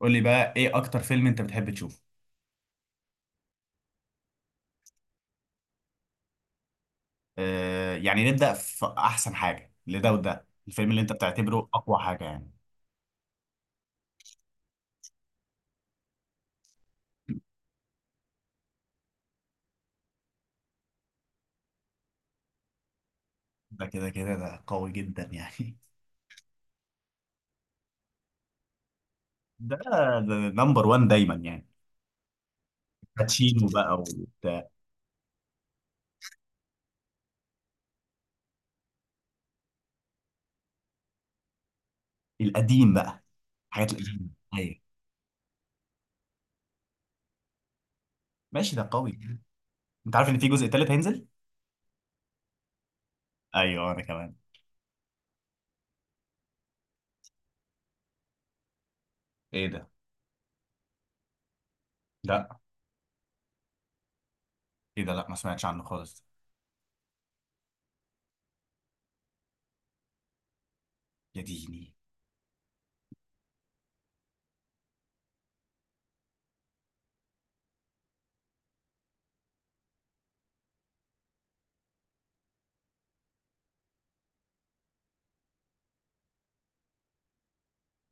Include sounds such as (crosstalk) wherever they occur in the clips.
قول لي بقى ايه اكتر فيلم انت بتحب تشوفه؟ آه يعني نبدأ في احسن حاجة لده، وده الفيلم اللي انت بتعتبره اقوى حاجة يعني. ده كده كده قوي جدا يعني. (laughs) ده ده نمبر وان دايما يعني. باتشينو بقى وبتاع. القديم بقى. الحاجات القديمة ايوه. ماشي ده قوي. انت عارف ان في جزء تالت هينزل؟ ايوه انا كمان. ايه ده لا ايه ده لا ما سمعتش عنه خالص. يا ديني.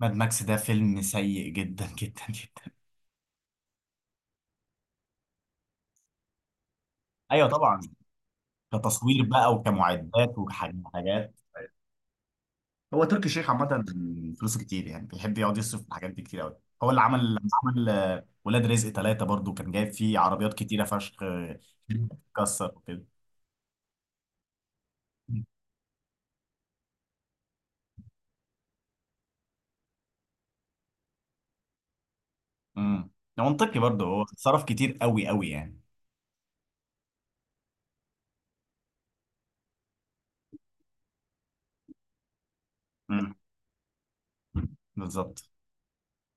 ماد ماكس ده فيلم سيء جدا جدا جدا. ايوه طبعا. كتصوير بقى وكمعدات وحاجات. هو تركي الشيخ عامة فلوسه كتير، يعني بيحب يقعد يصرف في الحاجات دي كتير قوي. هو اللي عمل لما عمل ولاد رزق ثلاثة برضو، كان جايب فيه عربيات كتيرة فشخ كسر وكده. امم ده منطقي برضو، هو صرف كتير قوي قوي يعني. امم بالظبط.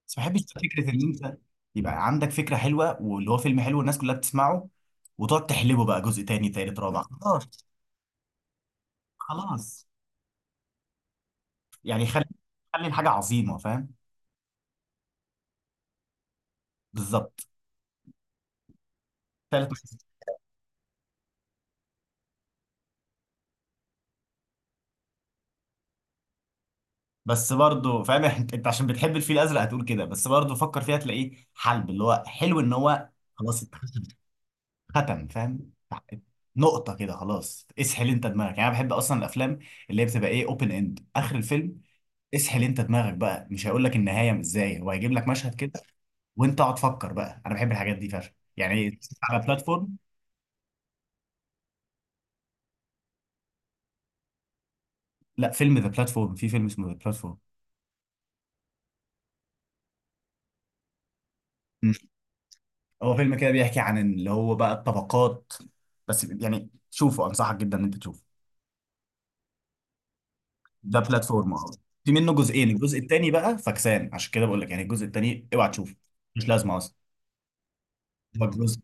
بس ما بحبش فكرة ان انت يبقى عندك فكرة حلوة واللي هو فيلم حلو الناس كلها بتسمعه، وتقعد تحلبه بقى جزء تاني تالت رابع خلاص. خلاص يعني خلي، خلي الحاجة عظيمة فاهم. بالظبط. ثالث. بس برضه فاهم (laughs) انت، عشان بتحب الفيل الازرق هتقول كده، بس برضه فكر فيها تلاقيه حلب، اللي هو حلو ان هو خلاص اتختم. ختم، فاهم. نقطة كده خلاص، اسحل انت دماغك. يعني انا بحب اصلا الافلام اللي هي بتبقى ايه، اوبن اند اخر الفيلم. اسحل انت دماغك بقى، مش هيقول لك النهاية ازاي، هو هيجيب لك مشهد كده وانت اقعد فكر بقى. انا بحب الحاجات دي فشخ يعني، على بلاتفورم. لا، فيلم ذا بلاتفورم، في فيلم اسمه ذا بلاتفورم. هو فيلم كده بيحكي عن اللي هو بقى الطبقات، بس يعني شوفه، انصحك جدا ان انت تشوفه. ده بلاتفورم اهو. في منه جزئين، الجزء التاني بقى فكسان، عشان كده بقول لك يعني الجزء التاني اوعى تشوفه، مش لازمه اصلا. هو جزء.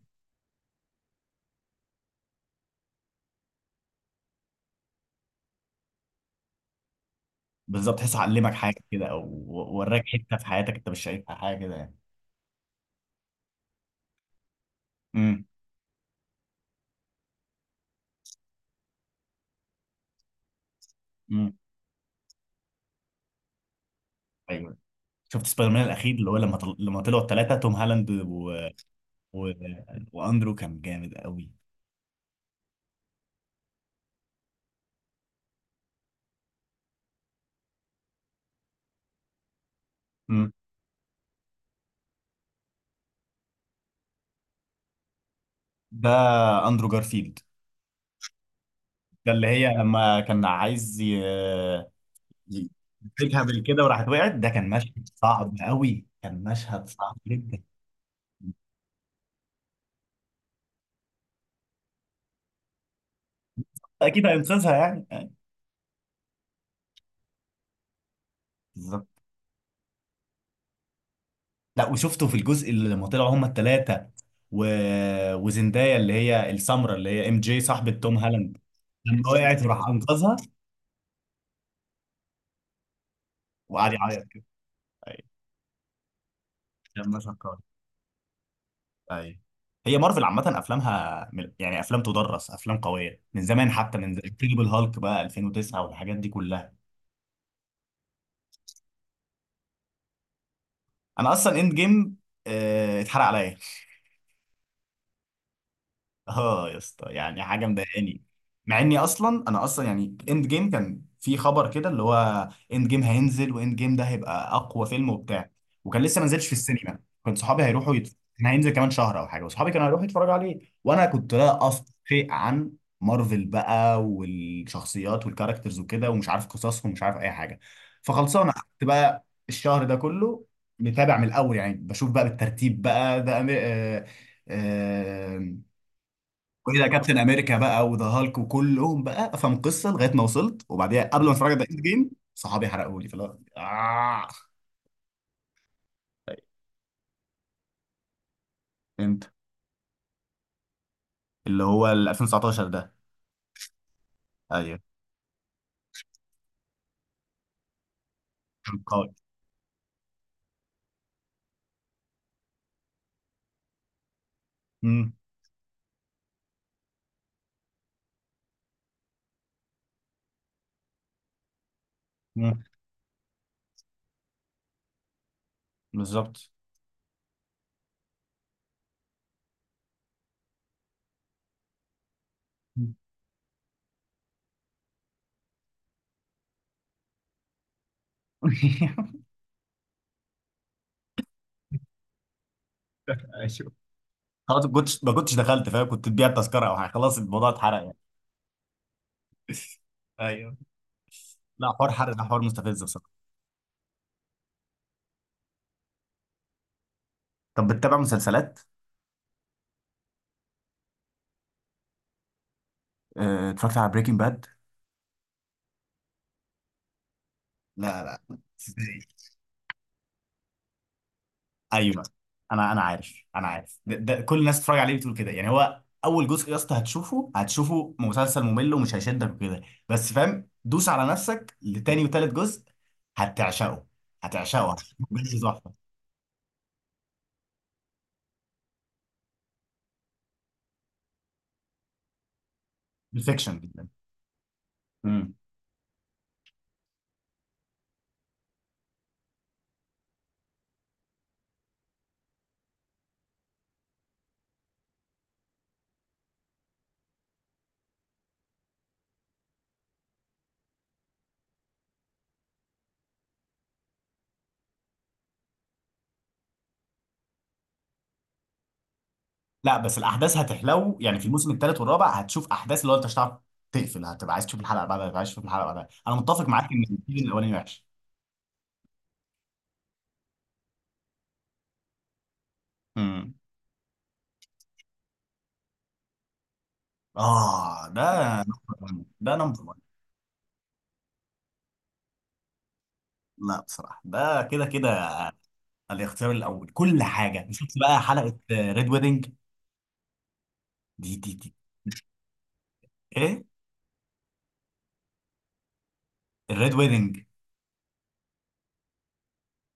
بالظبط تحسه علمك حاجه كده، او وراك حته في حياتك انت مش شايفها حاجه كده يعني. امم امم ايوه. شفت سبايدر مان الاخير اللي هو لما لما طلعوا الثلاثه، توم هالاند و... واندرو، كان جامد قوي. امم. ده اندرو جارفيلد. ده اللي هي لما كان عايز ي- يمسكها بالكده وراحت وقعت، ده كان مشهد صعب قوي، كان مشهد صعب جدا. اكيد هينقذها يعني. بالظبط. لا وشفته في الجزء اللي لما طلعوا هما الثلاثه و... وزندايا اللي هي السمراء اللي هي ام جي صاحبه توم هالاند، لما وقعت وراح (laughs) انقذها وقعد يعيط كده. ايوه. لما شكرها. ايوه. هي مارفل عامه افلامها يعني افلام تدرس، افلام قويه من زمان، حتى من انكريدبل هالك بقى 2009 والحاجات دي كلها. انا اصلا اند جيم اتحرق عليا. اه يا اسطى، يعني حاجه مضايقاني. مع اني اصلا، انا اصلا يعني اند جيم كان في خبر كده اللي هو اند جيم هينزل، واند جيم ده هيبقى اقوى فيلم وبتاع، وكان لسه ما نزلش في السينما، كنت صحابي هيروحوا كان هينزل كمان شهر او حاجه، وصحابي كانوا هيروحوا يتفرجوا عليه، وانا كنت لا افقه شيء عن مارفل بقى والشخصيات والكاركترز وكده، ومش عارف قصصهم ومش عارف اي حاجه. فخلصانه قعدت بقى الشهر ده كله متابع من الاول، يعني بشوف بقى بالترتيب بقى ده أمي... آه... آه، وإيه ده، كابتن امريكا بقى وذا هالك وكلهم بقى، افهم قصه لغايه ما وصلت، وبعديها قبل ما اتفرج على اند جيم صحابي حرقوا لي فلا آه. طيب، انت اللي هو ال 2019 ده؟ ايوه كان قوي. أمم، أمم، بالظبط. مم. (laughs) ايوه خلاص، ما كنتش، دخلت فاهم، كنت تبيع التذكره او حاجه، خلاص الموضوع اتحرق يعني. (laughs) ايوه. لا حوار حرق ده حوار مستفز بصراحه. طب بتتابع مسلسلات؟ آه، اتفرجت على بريكنج باد. لا لا. ايوه انا عارف، ده, ده كل الناس بتتفرج عليه بتقول كده. يعني هو اول جزء يا اسطى هتشوفه، هتشوفه مسلسل ممل ومش هيشدك وكده، بس فاهم دوس على نفسك لتاني وتالت جزء هتعشقه، هتعشقه هتشوفه بجد تحفه. بالفيكشن جدا. امم. لا بس الاحداث هتحلو يعني في الموسم التالت والرابع، هتشوف احداث اللي هو انت مش هتعرف تقفل، هتبقى عايز تشوف الحلقه اللي بعدها، هتبقى عايز تشوف الحلقه اللي بعدها. انا متفق معاك ان السيزون الاولاني وحش. امم. اه ده نمبر واحد، ده نمبر 1. لا بصراحه ده كده كده الاختيار الاول. كل حاجه. شفت بقى حلقه ريد ويدنج؟ دي ايه. الريد ويدنج.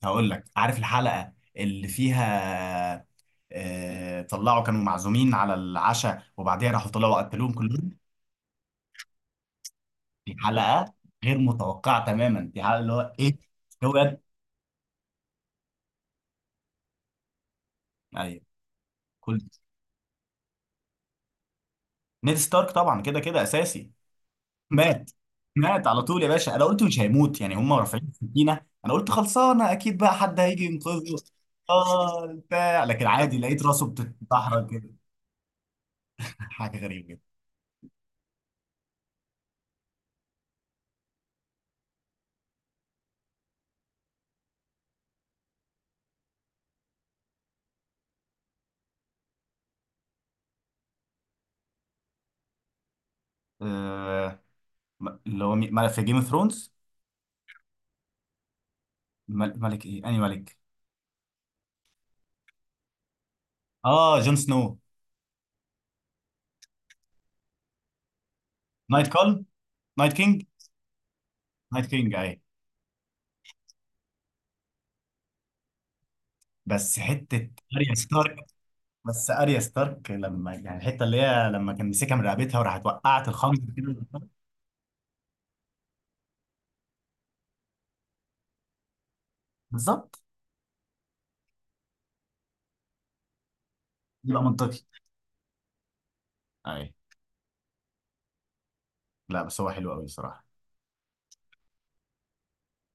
هقول لك، عارف الحلقه اللي فيها آه طلعوا كانوا معزومين على العشاء وبعديها راحوا طلعوا قتلوهم كلهم. دي حلقه غير متوقعه تماما، دي حلقه اللي هو ايه، هو ده؟ ايوه. كل، نيد ستارك طبعا كده كده اساسي. مات. مات على طول يا باشا، انا قلت مش هيموت، يعني هم رافعين السكينه انا قلت خلصانه اكيد بقى حد هيجي ينقذه، اه بتاع، لكن عادي لقيت راسه بتتدحرج كده. حاجه غريبه جدا. آه اللي هو ملك في جيم اوف ثرونز؟ ملك ايه، انهي ملك؟ اه جون سنو. نايت كول، نايت كينج. نايت كينج اي. بس حته اريا ستارك، بس اريا ستارك لما يعني الحته اللي هي لما كان مسكها من رقبتها وراحت وقعت الخنجر كده. بالظبط يبقى منطقي. اي. لا بس هو حلو قوي الصراحه.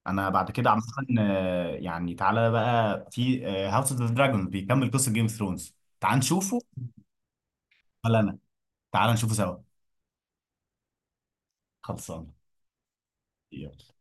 انا بعد كده عامه آه، يعني تعالى بقى في هاوس اوف ذا دراجون بيكمل قصه جيم اوف ثرونز، تعال نشوفه. ولا انا. تعال نشوفه سوا. خلصان. يلا.